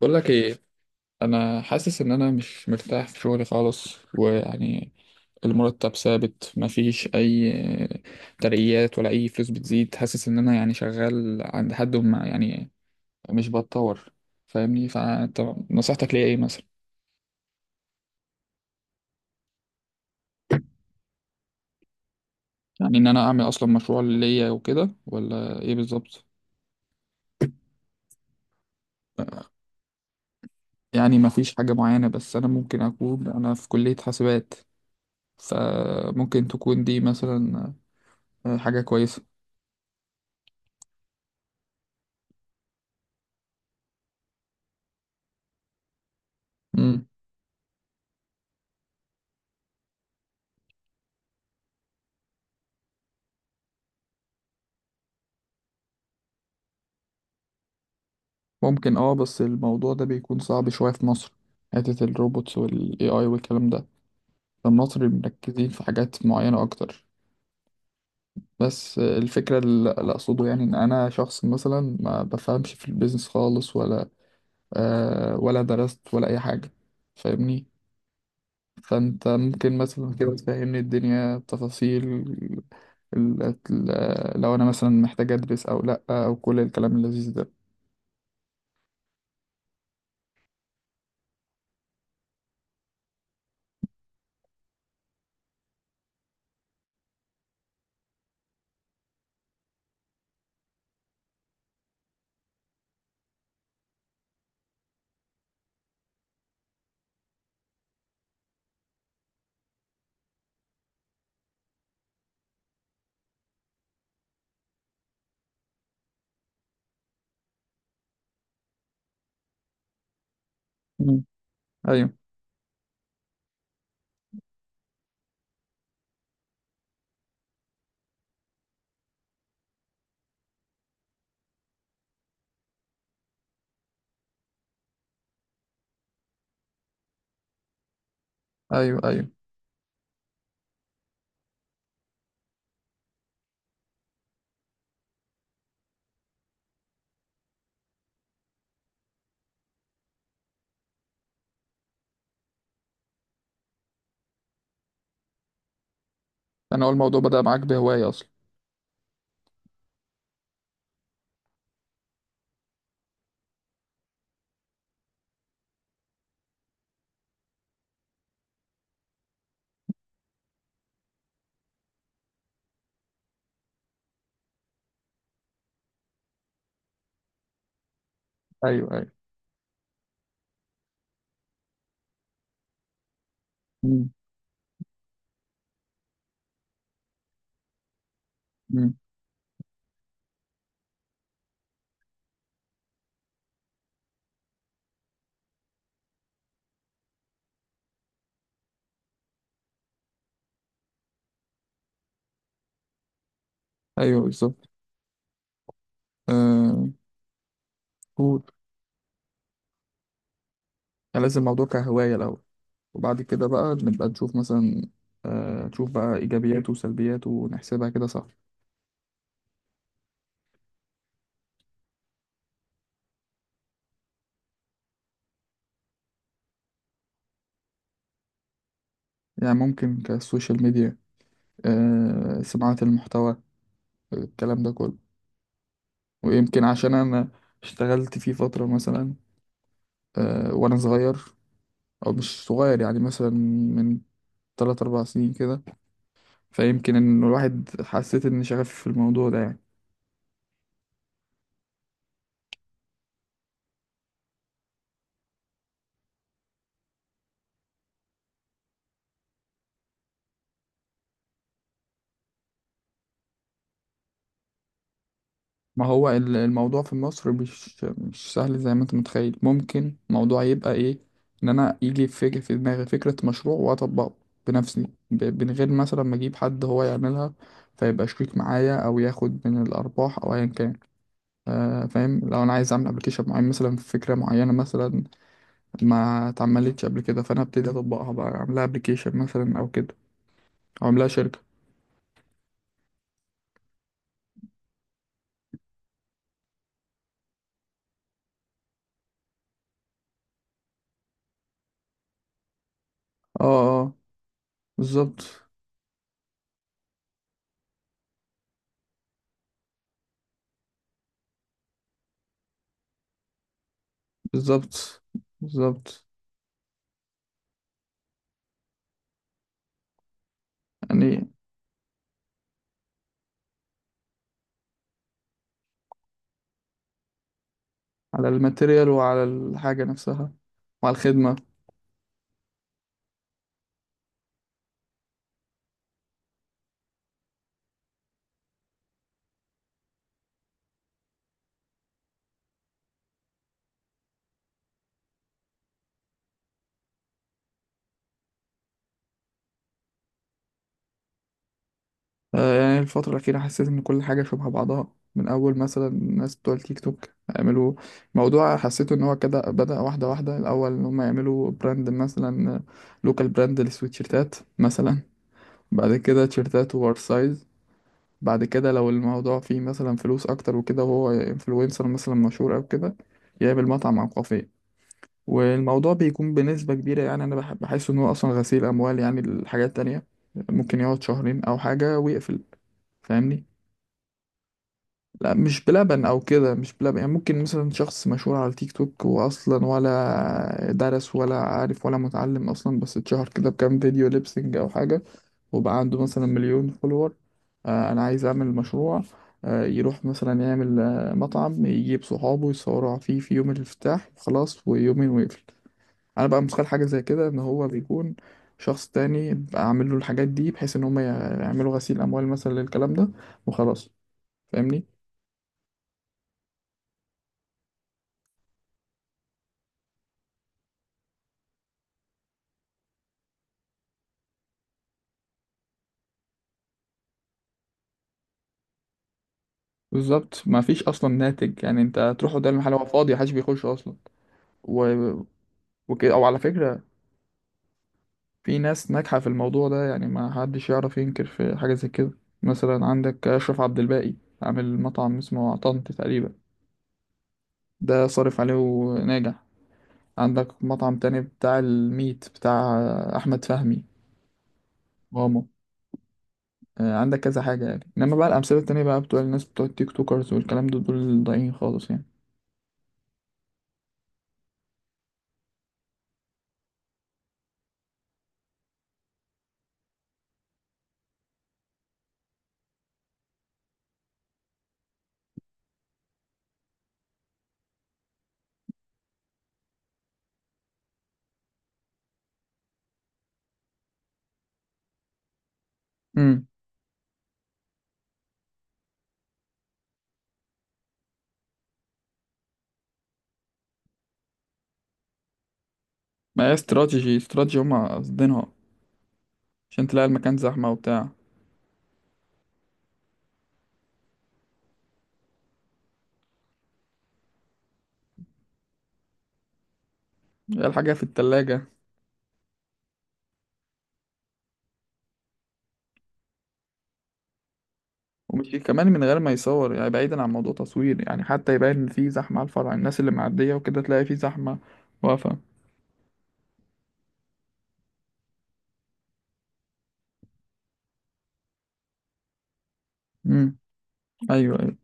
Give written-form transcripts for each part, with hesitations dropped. بقول لك ايه. انا حاسس ان انا مش مرتاح في شغلي خالص ويعني المرتب ثابت، مفيش اي ترقيات ولا اي فلوس بتزيد. حاسس ان انا يعني شغال عند حد وما يعني مش بتطور. فاهمني؟ فانت نصيحتك ليا ايه مثلا؟ يعني ان انا اعمل اصلا مشروع ليا وكده ولا ايه بالظبط؟ يعني مفيش حاجة معينة، بس انا ممكن اكون انا في كلية حاسبات، فممكن تكون دي مثلا حاجة كويسة. ممكن اه، بس الموضوع ده بيكون صعب شوية في مصر، حتة الروبوتس والاي اي والكلام ده. فالمصري مركزين في حاجات معينة اكتر. بس الفكرة اللي اقصده يعني ان انا شخص مثلا ما بفهمش في البيزنس خالص، ولا آه ولا درست ولا اي حاجة. فاهمني؟ فانت ممكن مثلا كده تفهمني الدنيا بتفاصيل لو انا مثلا محتاج ادرس او لا، او كل الكلام اللذيذ ده. مم. ايوه ايوه. ايوه انا اول الموضوع بدأ معاك بهواية اصلا. ايوه ايوه. مم. مم. ايوه بالظبط. آه قول. يعني لازم الموضوع كهوايه الاول، وبعد كده بقى نبقى نشوف مثلا، آه نشوف بقى ايجابياته وسلبياته ونحسبها كده صح. يعني ممكن كالسوشيال ميديا، آه صناعه المحتوى الكلام ده كله. ويمكن عشان انا اشتغلت فيه فتره مثلا، آه وانا صغير او مش صغير، يعني مثلا من 3 4 سنين كده، فيمكن ان الواحد حسيت ان شغفي في الموضوع ده يعني. ما هو الموضوع في مصر مش سهل زي ما انت متخيل. ممكن موضوع يبقى ايه، ان انا يجي في دماغي فكرة مشروع واطبقه بنفسي من غير مثلا ما اجيب حد هو يعملها فيبقى شريك معايا او ياخد من الارباح او ايا كان. آه، فاهم. لو انا عايز اعمل ابلكيشن معين مثلا في فكرة معينة مثلا ما اتعملتش قبل كده، فانا ابتدي اطبقها بقى اعملها ابلكيشن مثلا او كده، او اعملها شركة. اه. اه بالظبط. بالظبط بالظبط. يعني على الماتيريال وعلى الحاجة نفسها وعلى الخدمة. آه، يعني الفترة الأخيرة حسيت إن كل حاجة شبه بعضها، من أول مثلا الناس بتوع التيك توك يعملوا موضوع حسيته إن هو كده بدأ واحدة واحدة. الأول إن هم يعملوا براند مثلا، لوكال براند للسويتشيرتات مثلا، بعد كده تيشيرتات اوفر سايز، بعد كده لو الموضوع فيه مثلا فلوس أكتر وكده وهو انفلونسر مثلا مشهور أو كده يعمل مطعم أو كافيه. والموضوع بيكون بنسبة كبيرة يعني أنا بحس إن هو أصلا غسيل أموال. يعني الحاجات التانية ممكن يقعد شهرين أو حاجة ويقفل. فاهمني؟ لا مش بلبن أو كده، مش بلبن. يعني ممكن مثلا شخص مشهور على التيك توك وأصلا ولا درس ولا عارف ولا متعلم أصلا، بس اتشهر كده بكام فيديو ليبسينج أو حاجة، وبقى عنده مثلا مليون فولور. آه أنا عايز أعمل مشروع، آه يروح مثلا يعمل آه مطعم يجيب صحابه يصوروا فيه في يوم الافتتاح وخلاص، ويومين ويقفل. انا بقى متخيل حاجه زي كده، ان هو بيكون شخص تاني بقى عامل له الحاجات دي بحيث ان هم يعملوا غسيل اموال مثلا للكلام ده وخلاص. فاهمني؟ بالظبط ما فيش اصلا ناتج. يعني انت تروح قدام المحل هو فاضي محدش بيخش اصلا. و... وكده او على فكره في ناس ناجحه في الموضوع ده، يعني ما حدش يعرف ينكر في حاجه زي كده. مثلا عندك اشرف عبد الباقي عامل مطعم اسمه طنط تقريبا، ده صارف عليه وناجح. عندك مطعم تاني بتاع الميت بتاع احمد فهمي، ماما. آه، عندك كذا حاجة يعني. إنما بقى الأمثلة التانية بقى بتوع الناس بتوع التيك توكرز والكلام ده دول ضايعين خالص يعني. امم. ما هي استراتيجي استراتيجي هما قاصدينها، عشان تلاقي المكان زحمة وبتاع. هي الحاجة في التلاجة. ومش كمان من غير ما يصور، يعني بعيدا عن موضوع تصوير، يعني حتى يبان إن في زحمة على الفرع، الناس اللي معدية وكده تلاقي في زحمة واقفة. امم. أيوه أيوه.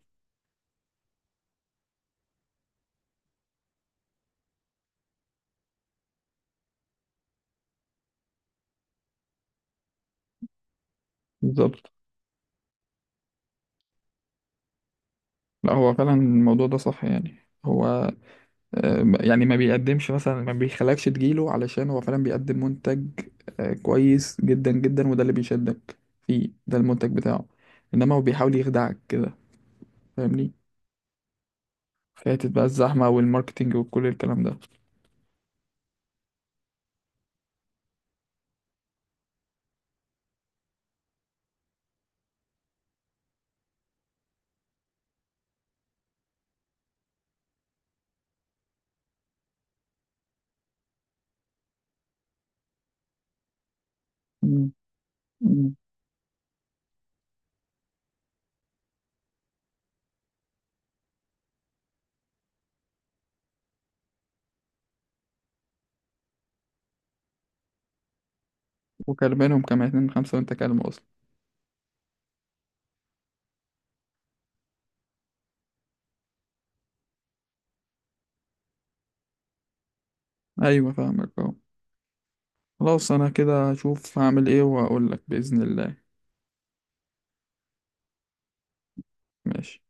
بالظبط. لا هو فعلا الموضوع ده صح يعني. هو آه، يعني ما بيقدمش مثلا ما بيخلكش تجيله علشان هو فعلا بيقدم منتج، آه، كويس جدا جدا وده اللي بيشدك فيه، ده المنتج بتاعه. انما هو بيحاول يخدعك كده. فاهمني؟ فاتت بقى الزحمة والماركتينج وكل الكلام ده. مم. مم. وكلمانهم كمان 2 من 5 وانت كلمة اصلا. ايوه فاهمك اه. خلاص انا كده هشوف هعمل ايه واقول لك بإذن الله. ماشي.